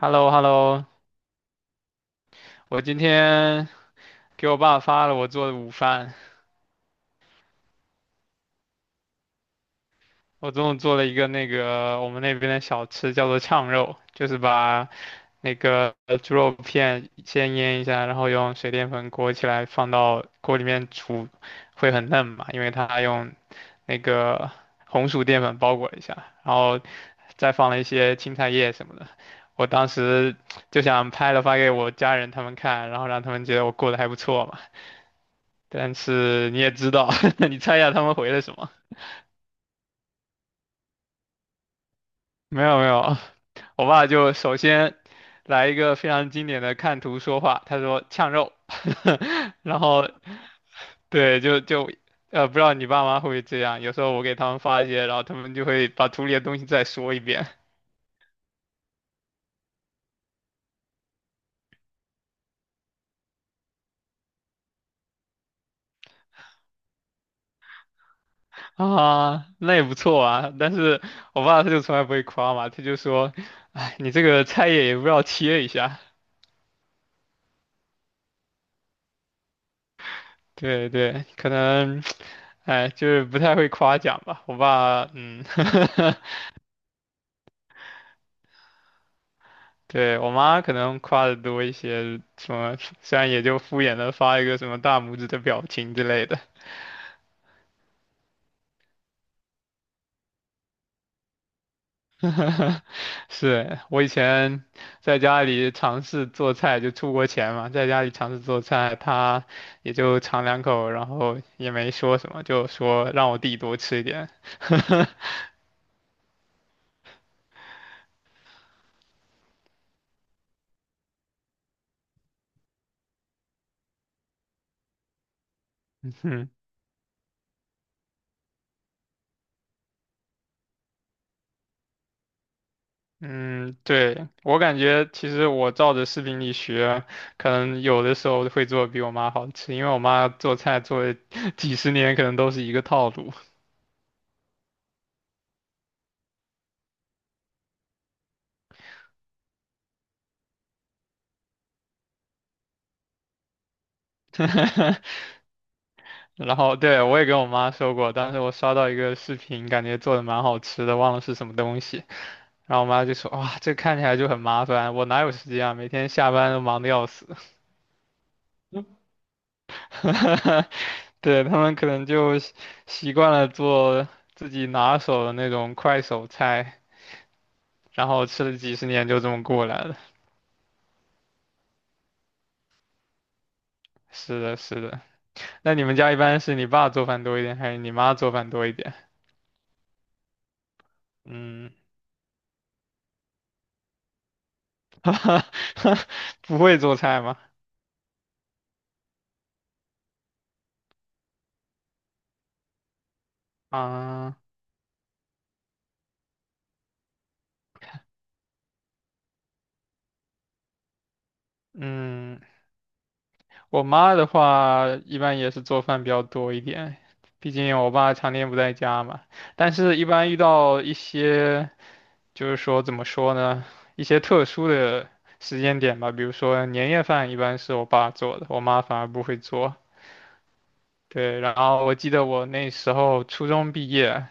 h e l l o h e l l o 我今天给我爸发了我做的午饭。我中午做了一个那个我们那边的小吃，叫做炝肉，就是把那个猪肉片先腌一下，然后用水淀粉裹起来，放到锅里面煮，会很嫩嘛，因为它用那个红薯淀粉包裹一下，然后再放了一些青菜叶什么的。我当时就想拍了发给我家人他们看，然后让他们觉得我过得还不错嘛。但是你也知道，你猜一下他们回了什么？没有没有，我爸就首先来一个非常经典的看图说话，他说呛肉，然后对，就不知道你爸妈会不会这样？有时候我给他们发一些，然后他们就会把图里的东西再说一遍啊，那也不错啊。但是我爸他就从来不会夸嘛，他就说，哎，你这个菜叶也不知道切一下。对对，可能，哎，就是不太会夸奖吧。我爸，嗯，对，我妈可能夸的多一些，什么，虽然也就敷衍的发一个什么大拇指的表情之类的。是我以前在家里尝试做菜，就出国前嘛，在家里尝试做菜，他也就尝两口，然后也没说什么，就说让我弟多吃一点。嗯嗯，对，我感觉其实我照着视频里学，可能有的时候会做得比我妈好吃，因为我妈做菜做了 几十年，可能都是一个套路。然后对，我也跟我妈说过，当时我刷到一个视频，感觉做的蛮好吃的，忘了是什么东西，然后我妈就说：“哇，这看起来就很麻烦，我哪有时间啊？每天下班都忙得要死。” 对，他们可能就习惯了做自己拿手的那种快手菜。然后吃了几十年就这么过来了。是的，是的。那你们家一般是你爸做饭多一点，还是你妈做饭多一点？嗯，不会做菜吗？啊，嗯，我妈的话一般也是做饭比较多一点，毕竟我爸常年不在家嘛。但是，一般遇到一些就是说怎么说呢，一些特殊的时间点吧，比如说年夜饭一般是我爸做的，我妈反而不会做。对，然后我记得我那时候初中毕业，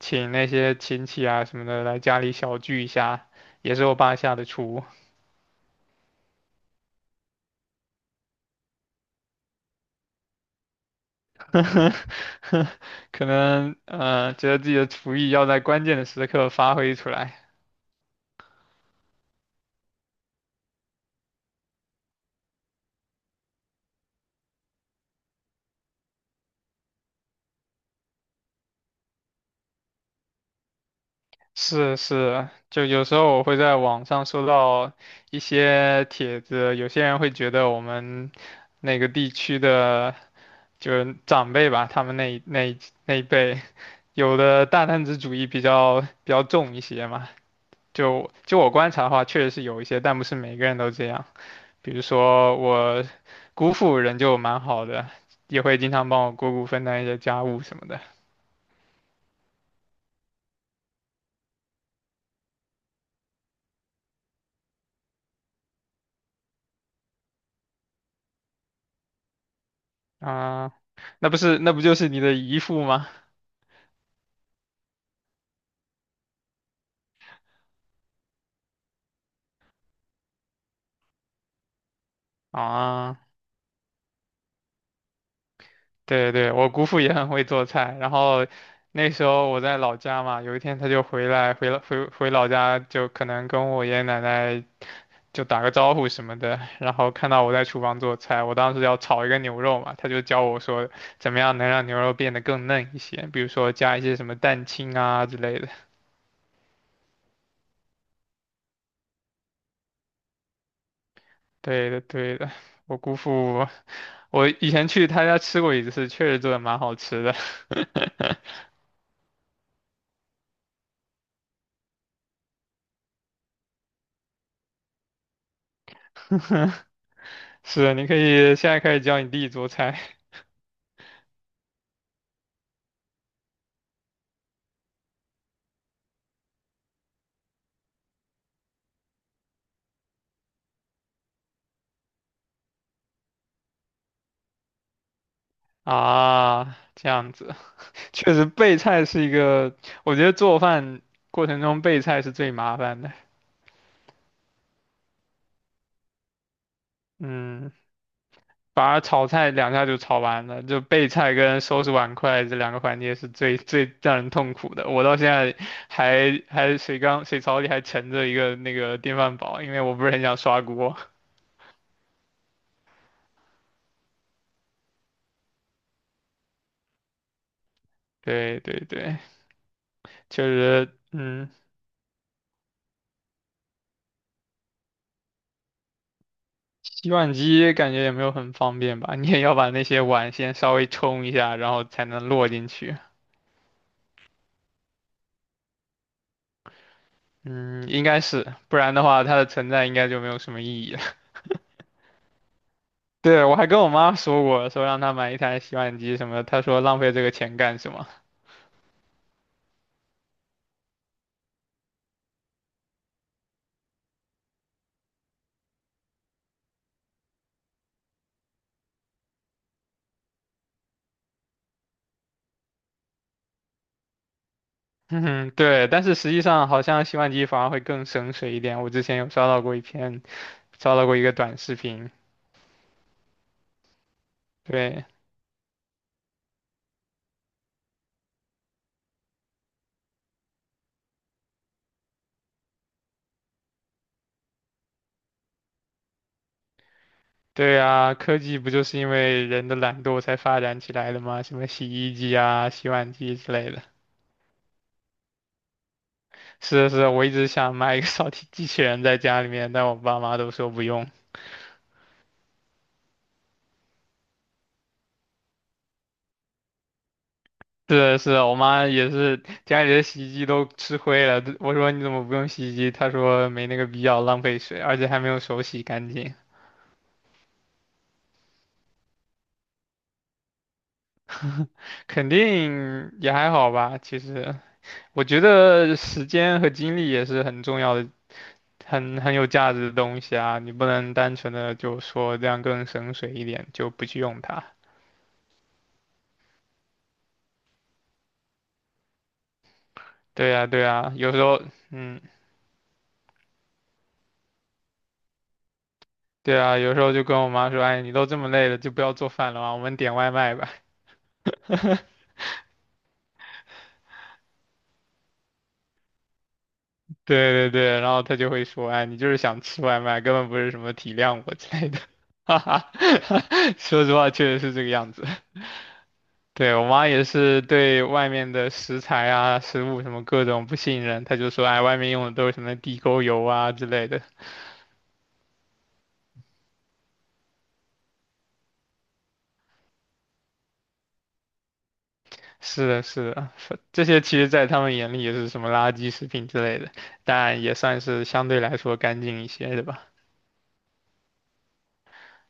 请那些亲戚啊什么的来家里小聚一下，也是我爸下的厨。可能觉得自己的厨艺要在关键的时刻发挥出来。是是，就有时候我会在网上收到一些帖子，有些人会觉得我们那个地区的就是长辈吧，他们那一辈，有的大男子主义比较重一些嘛。就我观察的话，确实是有一些，但不是每个人都这样。比如说我姑父人就蛮好的，也会经常帮我姑姑分担一些家务什么的。啊、那不是那不就是你的姨父吗？啊。对对，我姑父也很会做菜，然后那时候我在老家嘛，有一天他就回来，回了回回老家，就可能跟我爷爷奶奶就打个招呼什么的，然后看到我在厨房做菜，我当时要炒一个牛肉嘛，他就教我说怎么样能让牛肉变得更嫩一些，比如说加一些什么蛋清啊之类的。对的对的，我姑父，我以前去他家吃过一次，确实做的蛮好吃的。是，你可以现在开始教你弟做菜。啊，这样子，确实备菜是一个，我觉得做饭过程中备菜是最麻烦的。嗯，反而炒菜两下就炒完了，就备菜跟收拾碗筷这两个环节是最最让人痛苦的。我到现在还水槽里还盛着一个那个电饭煲，因为我不是很想刷锅。对对对，确实，嗯，洗碗机感觉也没有很方便吧，你也要把那些碗先稍微冲一下，然后才能落进去。嗯，应该是，不然的话，它的存在应该就没有什么意义了。对，我还跟我妈说过，说让她买一台洗碗机什么的她说浪费这个钱干什么？嗯，对，但是实际上好像洗碗机反而会更省水一点。我之前有刷到过一篇，刷到过一个短视频。对，对啊，科技不就是因为人的懒惰才发展起来的吗？什么洗衣机啊、洗碗机之类的。是的是的，我一直想买一个扫地机器人在家里面，但我爸妈都说不用。是的是的我妈也是，家里的洗衣机都吃灰了。我说你怎么不用洗衣机？她说没那个必要，浪费水，而且还没有手洗干净。肯定也还好吧，其实我觉得时间和精力也是很重要的，很有价值的东西啊。你不能单纯的就说这样更省水一点，就不去用它。对呀，对呀，有时候，嗯，对啊，有时候就跟我妈说，哎，你都这么累了，就不要做饭了嘛，我们点外卖吧。对对对，然后他就会说，哎，你就是想吃外卖，根本不是什么体谅我之类的，哈哈，说实话确实是这个样子。对，我妈也是对外面的食材啊、食物什么各种不信任，她就说，哎，外面用的都是什么地沟油啊之类的。是的，是的，这些其实在他们眼里也是什么垃圾食品之类的，但也算是相对来说干净一些的吧。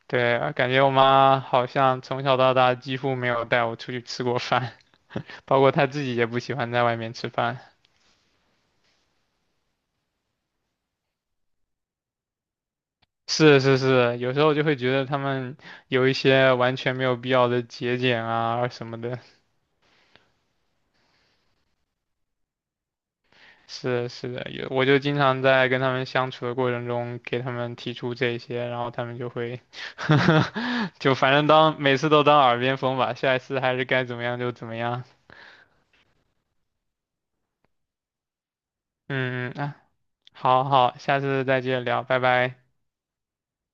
对，感觉我妈好像从小到大几乎没有带我出去吃过饭。包括他自己也不喜欢在外面吃饭。是是是，有时候就会觉得他们有一些完全没有必要的节俭啊什么的。是是的，我就经常在跟他们相处的过程中给他们提出这些，然后他们就会 就反正当每次都当耳边风吧，下一次还是该怎么样就怎么样。嗯嗯啊，好好，下次再接着聊，拜拜。